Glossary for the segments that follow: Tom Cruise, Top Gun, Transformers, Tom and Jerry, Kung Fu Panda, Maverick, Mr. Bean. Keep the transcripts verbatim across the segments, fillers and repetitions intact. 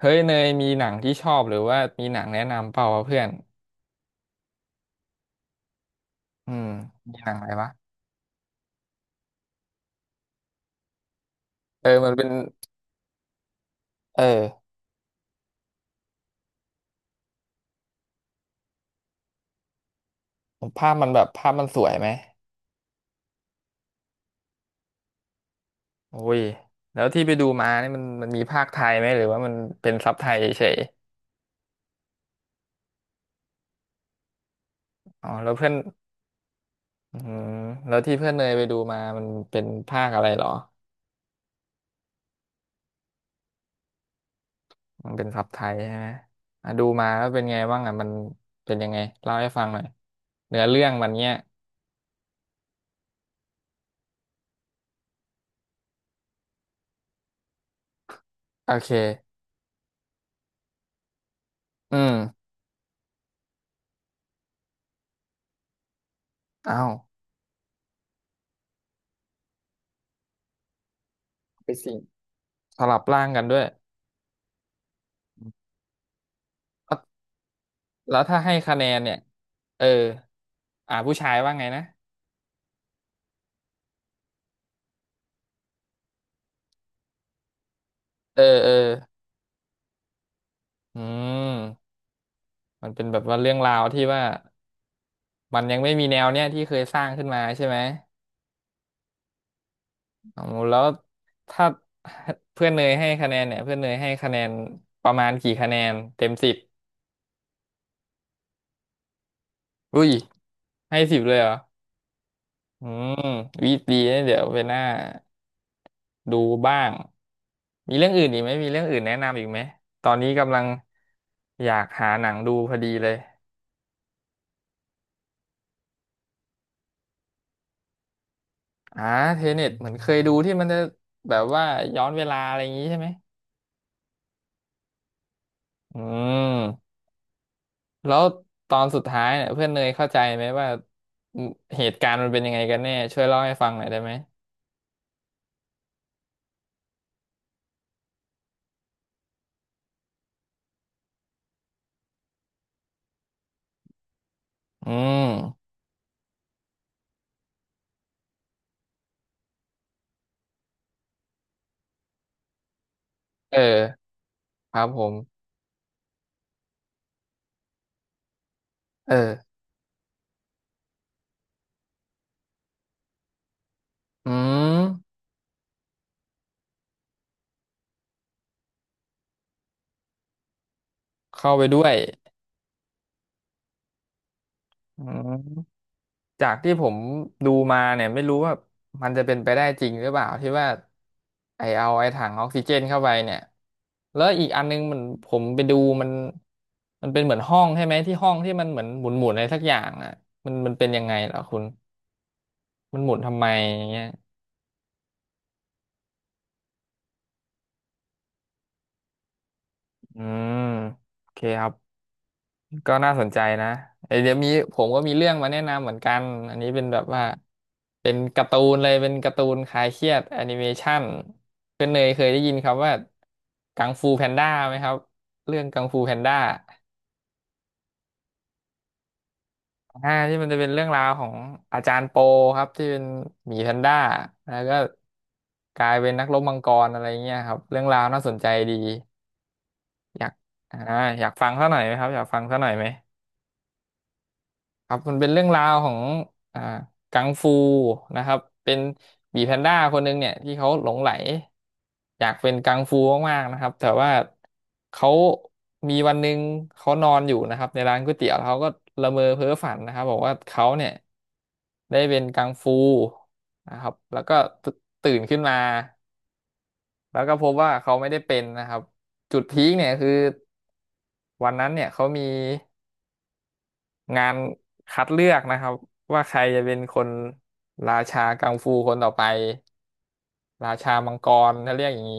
เฮ้ยเนยมีหนังที่ชอบหรือว่ามีหนังแนะนำเปล่าวะเพื่อน อืมมีหนังอะไรวะเออมันเป็นเออภาพมันแบบภาพมันสวยไหมโอ้ยแล้วที่ไปดูมาเนี่ยมันมันมีภาคไทยไหมหรือว่ามันเป็นซับไทยเฉยๆอ๋อแล้วเพื่อนอืมแล้วที่เพื่อนเนยไปดูมามันเป็นภาคอะไรเหรอมันเป็นซับไทยใช่ไหมอ่ะดูมาแล้วเป็นไงบ้างอ่ะมันเป็นยังไงเล่าให้ฟังหน่อยเนื้อเรื่องมันเนี้ยโอเคอืมอ้าวไปสิสลับร่างกันด้วย แล้วถ้าให้คะแนนเนี่ยเอออ่าผู้ชายว่าไงนะเออเอออืมมันเป็นแบบว่าเรื่องราวที่ว่ามันยังไม่มีแนวเนี้ยที่เคยสร้างขึ้นมาใช่ไหมอ๋อแล้วถ้าเพื่อนเนยให้คะแนนเนี่ยเพื่อนเนยให้คะแนนประมาณกี่คะแนนเต็มสิบอุ้ยให้สิบเลยเหรออืมวิดีนะเดี๋ยวไปหน้าดูบ้างมีเรื่องอื่นอีกไหมมีเรื่องอื่นแนะนำอีกไหมตอนนี้กำลังอยากหาหนังดูพอดีเลย อ่าเทเน็ตเหมือนเคยดูที่มันจะแบบว่าย้อนเวลาอะไรอย่างนี้ใช่ไหมอืมแล้วตอนสุดท้ายเนี่ยเพื่อนเนยเข้าใจไหมว่าอืมเหตุการณ์มันเป็นยังไงกันแน่ช่วยเล่าให้ฟังหน่อยได้ไหมอืมเออครับผมเอออืมเข้าไปด้วยอืม จากที่ผมดูมาเนี่ยไม่รู้ว่ามันจะเป็นไปได้จริงหรือเปล่าที่ว่าไอเอาไอถังออกซิเจนเข้าไปเนี่ยแล้วอีกอันนึงมันผมไปดูมันมันเป็นเหมือนห้องใช่ไหมที่ห้องที่มันเหมือนหมุนหมุนอะไรสักอย่างอ่ะมันมันเป็นยังไงเหรอคุณมันหมุนทำไมอย่างเงี้ยอืมโอเคครับ ก็น่าสนใจนะเอ้ยเดี๋ยวมีผมก็มีเรื่องมาแนะนำเหมือนกัน อันนี้เป็นแบบว่าเป็นการ์ตูนเลยเป็นการ์ตูนคลายเครียดแอนิเมชันคุณเนยเคยได้ยินคำว่ากังฟูแพนด้าไหมครับเรื่องกังฟูแพนด้าอ่าที่มันจะเป็นเรื่องราวของอาจารย์โปครับที่เป็นหมีแพนด้าแล้วก็กลายเป็นนักรบมังกรอะไรเงี้ยครับเรื่องราวน่าสนใจดีอยากอ่าอยากฟังซะหน่อยไหมครับอยากฟังซะหน่อยไหม ครับมันเป็นเรื่องราวของอ่ากังฟูนะครับเป็นหมีแพนด้าคนหนึ่งเนี่ยที่เขาหลงไหลอยากเป็นกังฟูมากๆนะครับแต่ว่าเขามีวันหนึ่งเขานอนอยู่นะครับในร้านก๋วยเตี๋ยวแล้วเขาก็ละเมอเพ้อฝันนะครับบอกว่าเขาเนี่ยได้เป็นกังฟูนะครับแล้วก็ตตื่นขึ้นมาแล้วก็พบว่าเขาไม่ได้เป็นนะครับจุดพีคเนี่ยคือวันนั้นเนี่ยเขามี งานคัดเลือกนะครับว่าใครจะเป็นคนราชากังฟูคนต่อไปราชามังกรถ้าเรียกอย่างนี้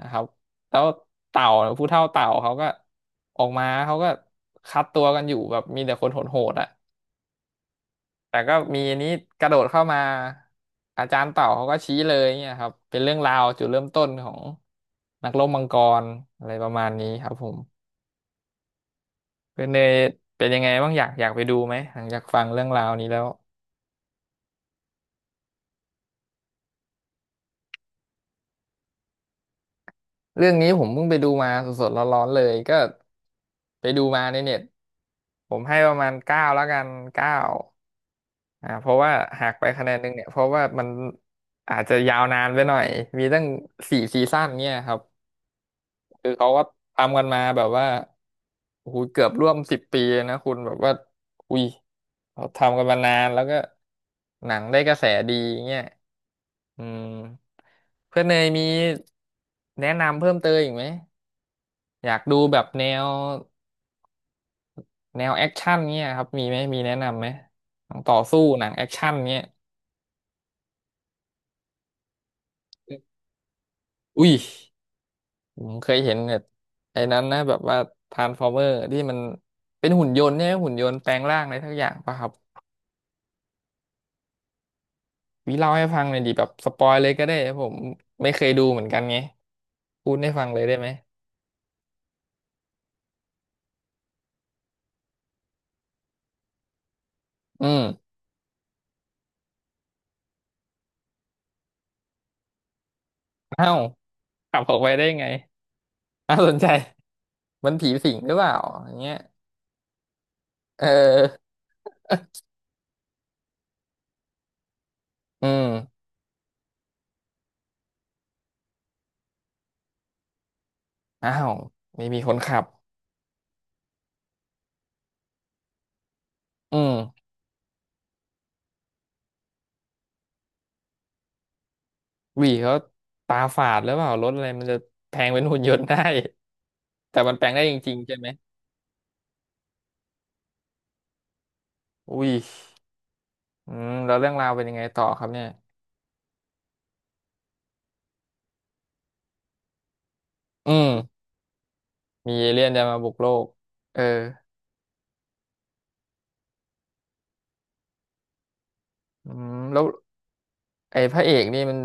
นะครับแล้วเต่าผู้เฒ่าเต่าเขาก็ออกมาเขาก็คัดตัวกันอยู่แบบมีแต่คนโหดๆอ่ะแต่ก็มีอันนี้กระโดดเข้ามาอาจารย์เต่าเขาก็ชี้เลยเนี่ยครับเป็นเรื่องราวจุดเริ่มต้นของนักรบมังกรอะไรประมาณนี้ครับผมเป็นเนยเป็นยังไงบ้างอยากอยากไปดูไหมหลังจากฟังเรื่องราวนี้แล้ว เรื่องนี้ผมเพิ่งไปดูมาสดๆร้อนๆเลยก็ไปดูมาในเน็ตผมให้ประมาณเก้าแล้วกันเก้าอ่าเพราะว่าหักไปคะแนนหนึ่งเนี่ยเพราะว่ามันอาจจะยาวนานไปหน่อยมีตั้งสี่ซีซั่นเนี่ยครับคือเขาก็ทำกันมาแบบว่าโอ้โหเกือบร่วมสิบปีเลยนะคุณแบบว่าอุ้ยเขาทำกันมานานแล้วก็หนังได้กระแสดีเงี้ยอืมเพื่อนเนยมีแนะนำเพิ่มเติมอีกไหม อยากดูแบบแนวแนวแอคชั่นเงี้ยครับมีไหมมีแนะนำไหมหนังต่อสู้หนังแอคชั่นเงี้ยอุ้ยผมเคยเห็นแบบไอ้นั้นนะแบบว่าทรานส์ฟอร์เมอร์ที่มันเป็นหุ่นยนต์เนี่ยหุ่นยนต์แปลงร่างอะไรทักอย่างป่ะครับวิเล่าให้ฟังหน่อยดิแบบสปอยเลยก็ได้ผมไม่เคยดูเหมือนกันไงพูดให้ฟังเลยได้ไหมอืมเอ้าขับออกไปได้ไงน่าสนใจมันผีสิงหรือเปล่าอย่างเงี้ยเอออืมอ้าวไม่มีคนขับอืม วีเขาตาฝาดหรือเปล่ารถอะไรมันจะแปลงเป็นหุ่นยนต์ได้ แต่มันแปลงได้จริงๆใช่ไหมอุ้ยอืมแล้วเรื่องราวเป็นยังไงต่อครับเนี่ยอืมมีเอเลี่ยนจะมาบุกโลกเอออืมแล้วไอ้พระเอกนี่มัน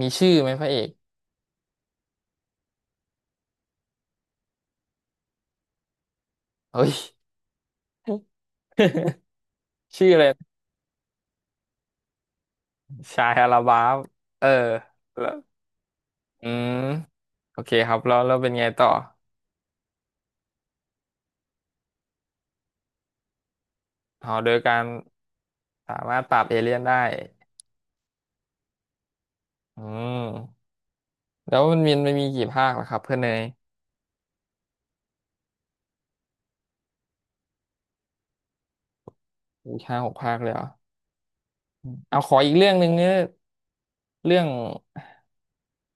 มีชื่อไหมพระเอกเฮ้ย ชื่ออะไรชายอาราบาฟเออแล้วอืมโอเคครับแล้วแล้วเป็นไงต่ออ๋อโดยการสามารถปราบเอเลี่ยนได้อืมแล้วมันมีมันมีกี่ภาคล่ะครับเพื่อนเนย อูห้าหกภาคเลยเหรอเอาขออีกเรื่องหนึ่งเนี่ยเรื่อง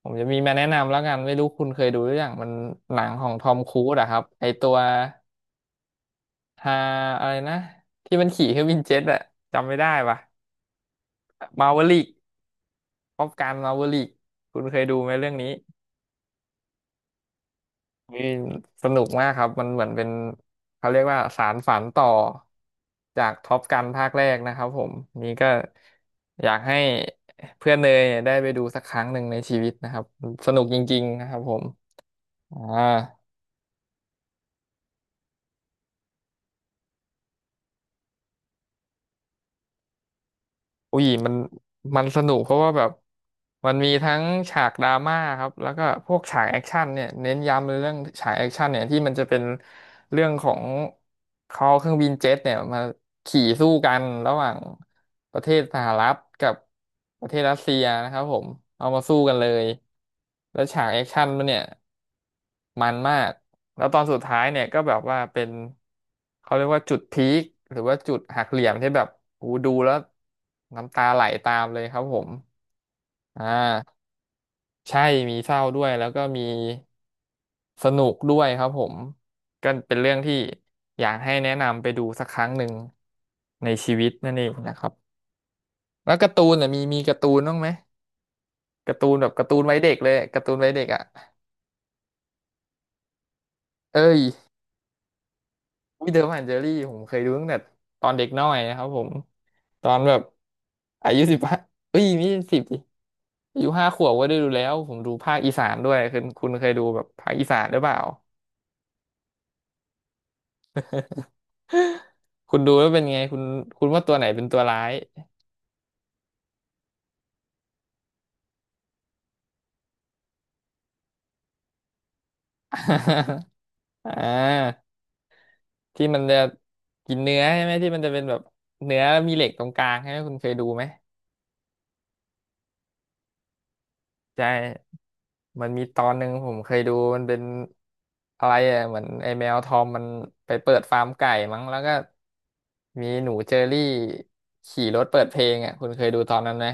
ผมจะมีมาแนะนำแล้วกัน ไม่รู้คุณเคยดูหรือยังมันหนังของทอมครูซอะครับ ไอตัวฮาอะไรนะที่มันขี่เครื่องบินเจ็ตอะจำไม่ได้ปะมาเวอริกป๊อปการมาเวอริกคุณเคยดูไหมเรื่องนี้ นี่สนุกมากครับ มันเหมือนเป็นเขาเรียกว่าสารฝันต่อจากท็อปกันภาคแรกนะครับผมนี่ก็อยากให้เพื่อนเนยยได้ไปดูสักครั้งหนึ่งในชีวิตนะครับสนุกจริงๆนะครับผมอ่า อุ้ยมันมันสนุกเพราะว่าแบบมันมีทั้งฉากดราม่าครับแล้วก็พวกฉากแอคชั่นเนี่ยเน้นย้ำเลยเรื่องฉากแอคชั่นเนี่ยที่มันจะเป็นเรื่องของเขาเอาเครื่องบินเจ็ตเนี่ยมาขี่สู้กันระหว่างประเทศสหรัฐกับประเทศรัสเซียนะครับผมเอามาสู้กันเลยแล้วฉากแอคชั่นมันเนี่ย มันมากแล้วตอนสุดท้ายเนี่ยก็แบบว่าเป็นเขาเรียกว่าจุดพีคหรือว่าจุดหักเหลี่ยมที่แบบโอ้โหดูแล้วน้ำตาไหลตามเลยครับผมอ่าใช่มีเศร้าด้วยแล้วก็มีสนุกด้วยครับผมก็เป็นเรื่องที่อยากให้แนะนำไปดูสักครั้งหนึ่งในชีวิตนั่นเองนะครับแล้วการ์ตูนน่ะมีมีการ์ตูนบ้างไหมการ์ตูนแบบการ์ตูนวัยเด็กเลยการ์ตูนวัยเด็กอ่ะเอ้ย วิ้ยเดอร์แอนเจอรี่ผมเคยดูตั้งแต่ตอนเด็กน้อยนะครับผมตอนแบบอายุสิบห้าเอ้ยไม่ใช่สิบดิอายุห้าขวบก็ได้ดูแล้วผมดูภาคอีสานด้วยคุณคุณเคยดูแบบภาคอีสานหรือเปล่าคุณดูแล้วเป็นไงคุณคุณว่าตัวไหนเป็นตัวร้าย อ่าที่มันจะกินเนื้อใช่ไหมที่มันจะเป็นแบบเนื้อมีเหล็กตรงกลางใช่ไหมคุณเคยดูไหม ใช่มันมีตอนหนึ่งผมเคยดูมันเป็นอะไรอ่ะเหมือนไอ้แมวทอมมันไปเปิดฟาร์มไก่มั้งแล้วก็มีหนูเจอรี่ขี่รถเปิดเพลงอ่ะคุณเคยดูตอนนั้นไหม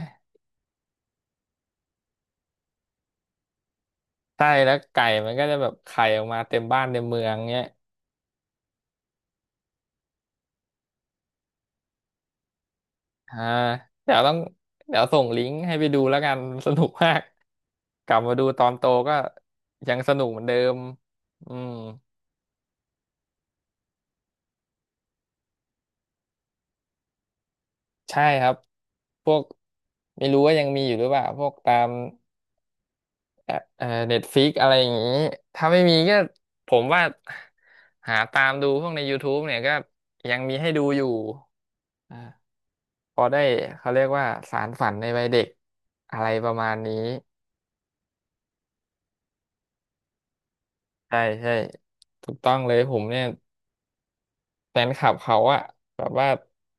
ใช่แล้วไก่มันก็จะแบบไข่ออกมาเต็มบ้านเต็มเมืองเงี้ยอ่าเดี๋ยวต้องเดี๋ยวส่งลิงก์ให้ไปดูแล้วกันสนุกมากกลับมาดูตอนโตก็ยังสนุกเหมือนเดิมอืมใช่ครับพวกไม่รู้ว่ายังมีอยู่หรือเปล่าพวกตาม แอปเอ่อเน็ตฟิกอะไรอย่างนี้ ถ้าไม่มีก็ผมว่าหาตามดูพวกใน ยูทูบ เนี่ยก็ยังมีให้ดูอยู่อ่าพอได้เขาเรียกว่าสารฝันในวัยเด็กอะไรประมาณนี้ใช่ใช่ถูกต้องเลยผมเนี่ยแฟนคลับเขาอะแบบว่า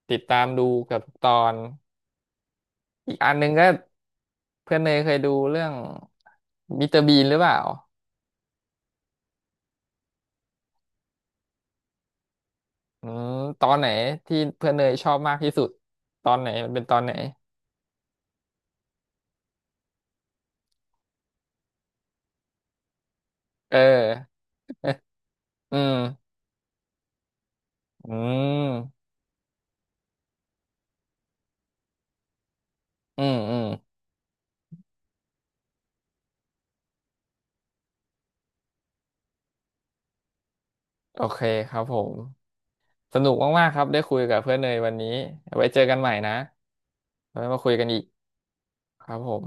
ติดตามดูเกับทุกตอนอีกอันหนึงก็เพื่อนเนยเคยดูเรื่องมิสเตอร์บีนหรือเปล่าอืมตอนไหนที่เพื่อนเนยชอบมากที่สุดตอนไหนมันเป็นตอนไหน เอออืมอืมอืมอืมโอเคครับผม สนุกมากๆครับ ได้คุยกับเพื่อนเนยวันนี้ไว้เจอกันใหม่นะไว้มาคุยกันอีกครับผม